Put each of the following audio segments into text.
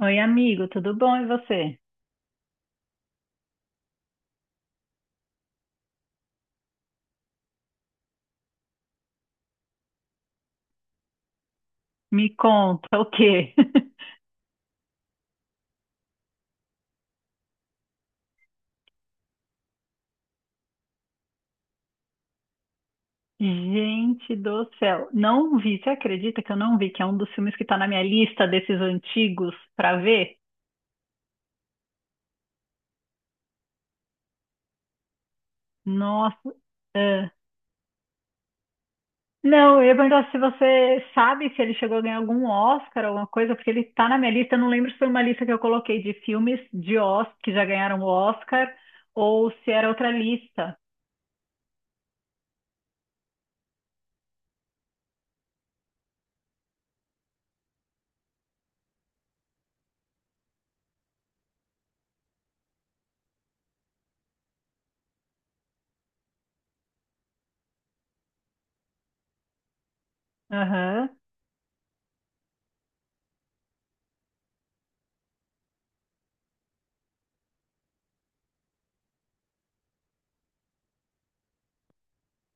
Oi, amigo, tudo bom? E você? Me conta o quê? Gente do céu, não vi. Você acredita que eu não vi? Que é um dos filmes que tá na minha lista desses antigos pra ver? Nossa, ah. Não, eu ia perguntar se você sabe se ele chegou a ganhar algum Oscar, alguma coisa, porque ele tá na minha lista. Eu não lembro se foi uma lista que eu coloquei de filmes de Oscar que já ganharam o Oscar ou se era outra lista. Aham.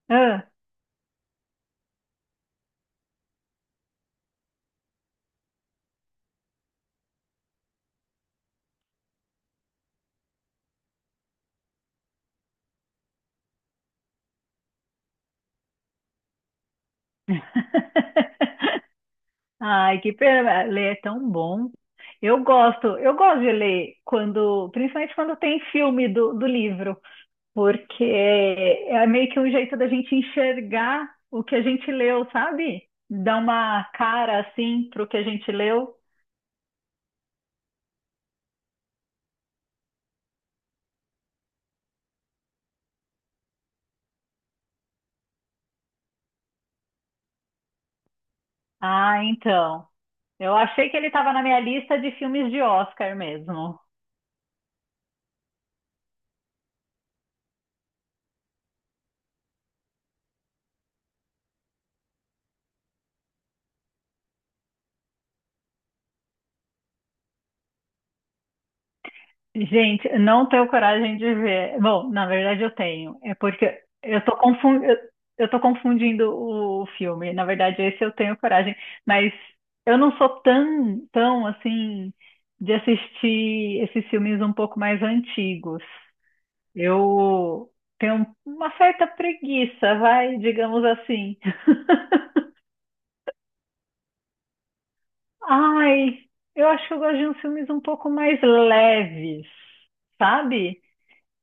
Ah. Ai, que pena, ler é tão bom. Eu gosto de ler quando, principalmente quando tem filme do livro, porque é meio que um jeito da gente enxergar o que a gente leu, sabe? Dá uma cara assim pro que a gente leu. Ah, então. Eu achei que ele estava na minha lista de filmes de Oscar mesmo. Gente, eu não tenho coragem de ver. Bom, na verdade eu tenho. É porque eu tô confundindo, eu tô confundindo o filme. Na verdade, esse eu tenho coragem, mas eu não sou tão assim de assistir esses filmes um pouco mais antigos. Eu tenho uma certa preguiça, vai, digamos assim. Ai, eu acho que eu gosto de uns filmes um pouco mais leves, sabe?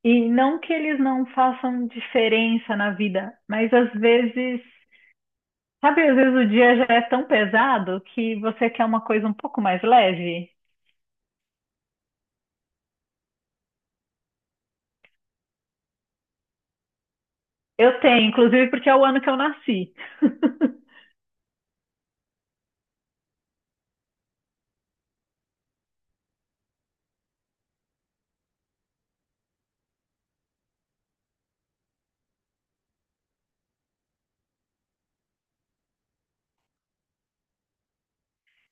E não que eles não façam diferença na vida, mas às vezes, sabe, às vezes o dia já é tão pesado que você quer uma coisa um pouco mais leve. Eu tenho, inclusive porque é o ano que eu nasci.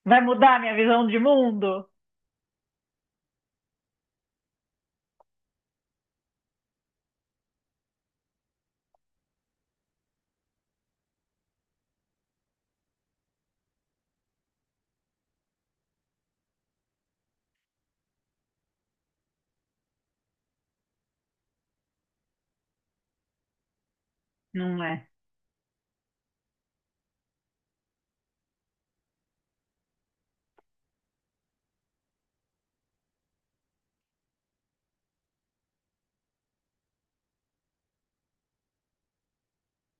Vai mudar minha visão de mundo? Não é.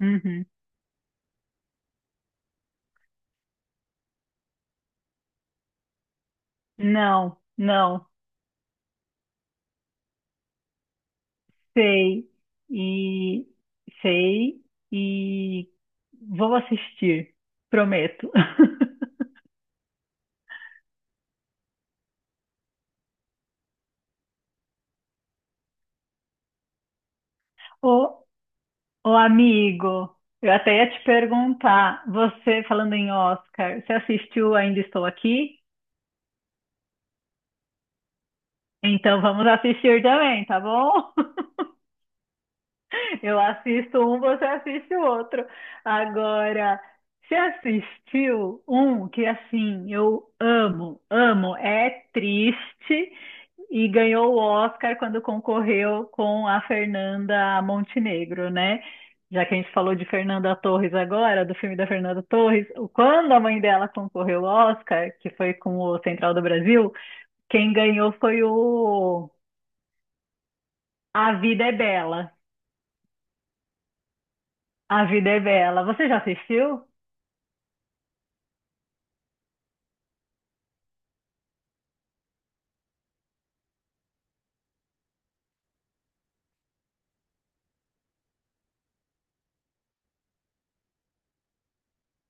Uhum. Não, não. Sei. E sei e vou assistir, prometo. Ou Ô amigo, eu até ia te perguntar, você falando em Oscar, você assistiu Ainda Estou Aqui? Então vamos assistir também, tá bom? Eu assisto um, você assiste o outro. Agora, você assistiu um que assim, eu amo, amo, é triste e ganhou o Oscar quando concorreu com a Fernanda Montenegro, né? Já que a gente falou de Fernanda Torres agora, do filme da Fernanda Torres, quando a mãe dela concorreu ao Oscar, que foi com o Central do Brasil, quem ganhou foi o A Vida é Bela. A Vida é Bela. Você já assistiu?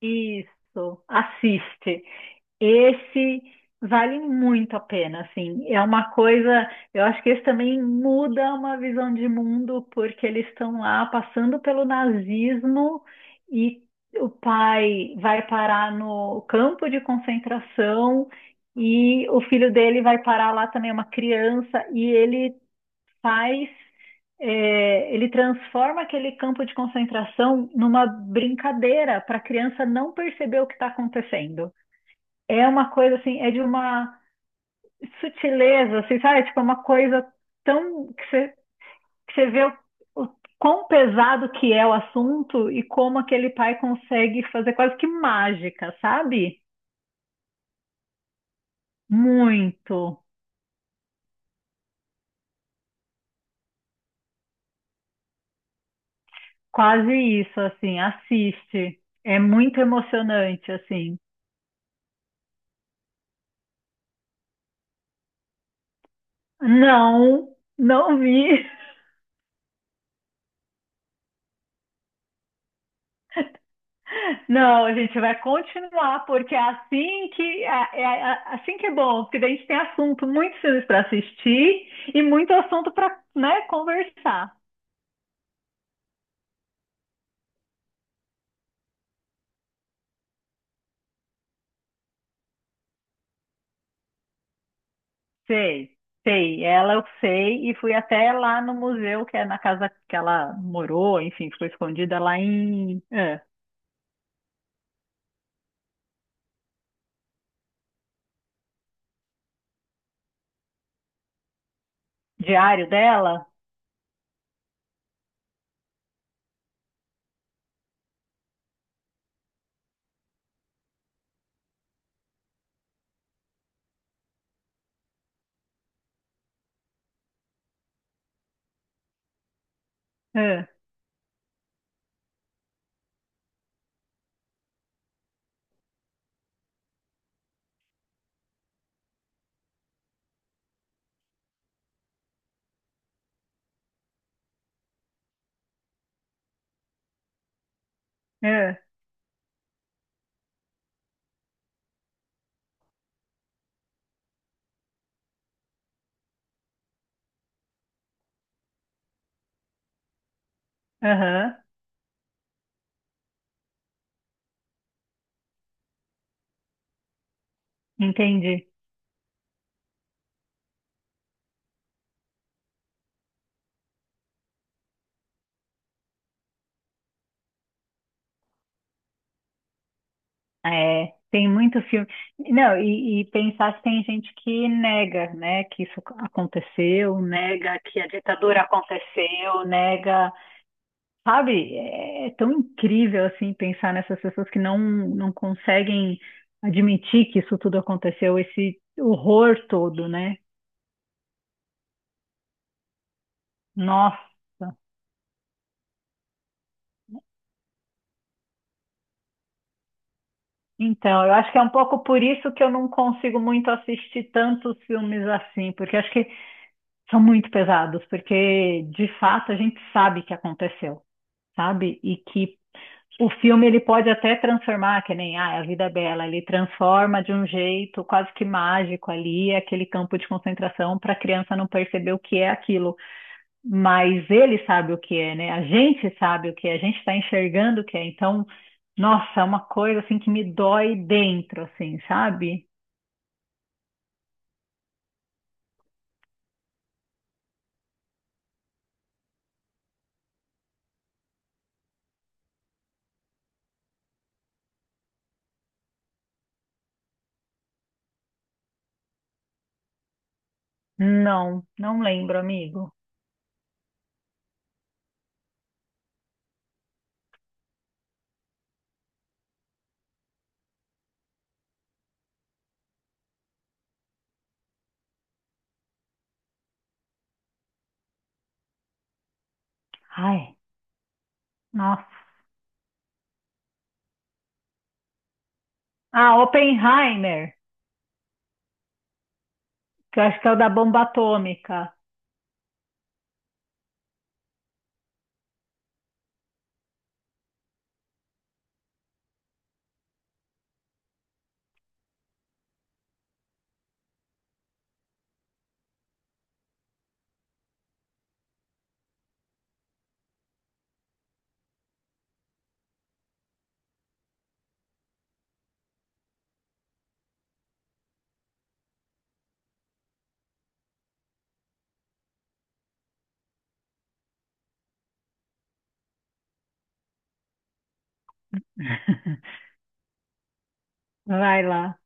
Isso, assiste. Esse vale muito a pena, assim. É uma coisa, eu acho que esse também muda uma visão de mundo, porque eles estão lá passando pelo nazismo e o pai vai parar no campo de concentração e o filho dele vai parar lá também, é uma criança, e ele faz, é, ele transforma aquele campo de concentração numa brincadeira para a criança não perceber o que está acontecendo. É uma coisa assim, é de uma sutileza, assim, sabe? Tipo, é uma coisa tão que você vê o quão pesado que é o assunto e como aquele pai consegue fazer quase que mágica, sabe? Muito, quase isso, assim, assiste. É muito emocionante, assim. Não, não vi. Não, a gente vai continuar, porque é assim que é, é assim que é bom, porque daí a gente tem assunto, muitos filmes para assistir e muito assunto para, né, conversar. Sei, sei, ela eu sei, e fui até lá no museu, que é na casa que ela morou, enfim, ficou escondida lá em é, diário dela. É, é, aham, entendi. É, tem muito filme. Não, e pensar se tem gente que nega, né, que isso aconteceu, nega que a ditadura aconteceu, nega. Sabe? É é tão incrível, assim, pensar nessas pessoas que não, não conseguem admitir que isso tudo aconteceu, esse horror todo, né? Nossa. Então, eu acho que é um pouco por isso que eu não consigo muito assistir tantos filmes assim, porque acho que são muito pesados, porque de fato a gente sabe que aconteceu, sabe? E que o filme ele pode até transformar, que nem ah, a vida é bela, ele transforma de um jeito quase que mágico ali aquele campo de concentração para a criança não perceber o que é aquilo. Mas ele sabe o que é, né? A gente sabe o que é, a gente está enxergando o que é. Então, nossa, é uma coisa assim que me dói dentro, assim, sabe? Não, não lembro, amigo. Ai, nossa. Ah, Oppenheimer. Que eu acho que é o da bomba atômica. Vai lá,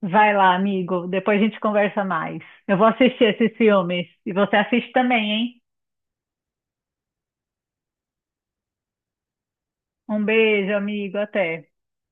vai lá, amigo. Depois a gente conversa mais. Eu vou assistir esses filmes. E você assiste também, hein? Um beijo, amigo. Até.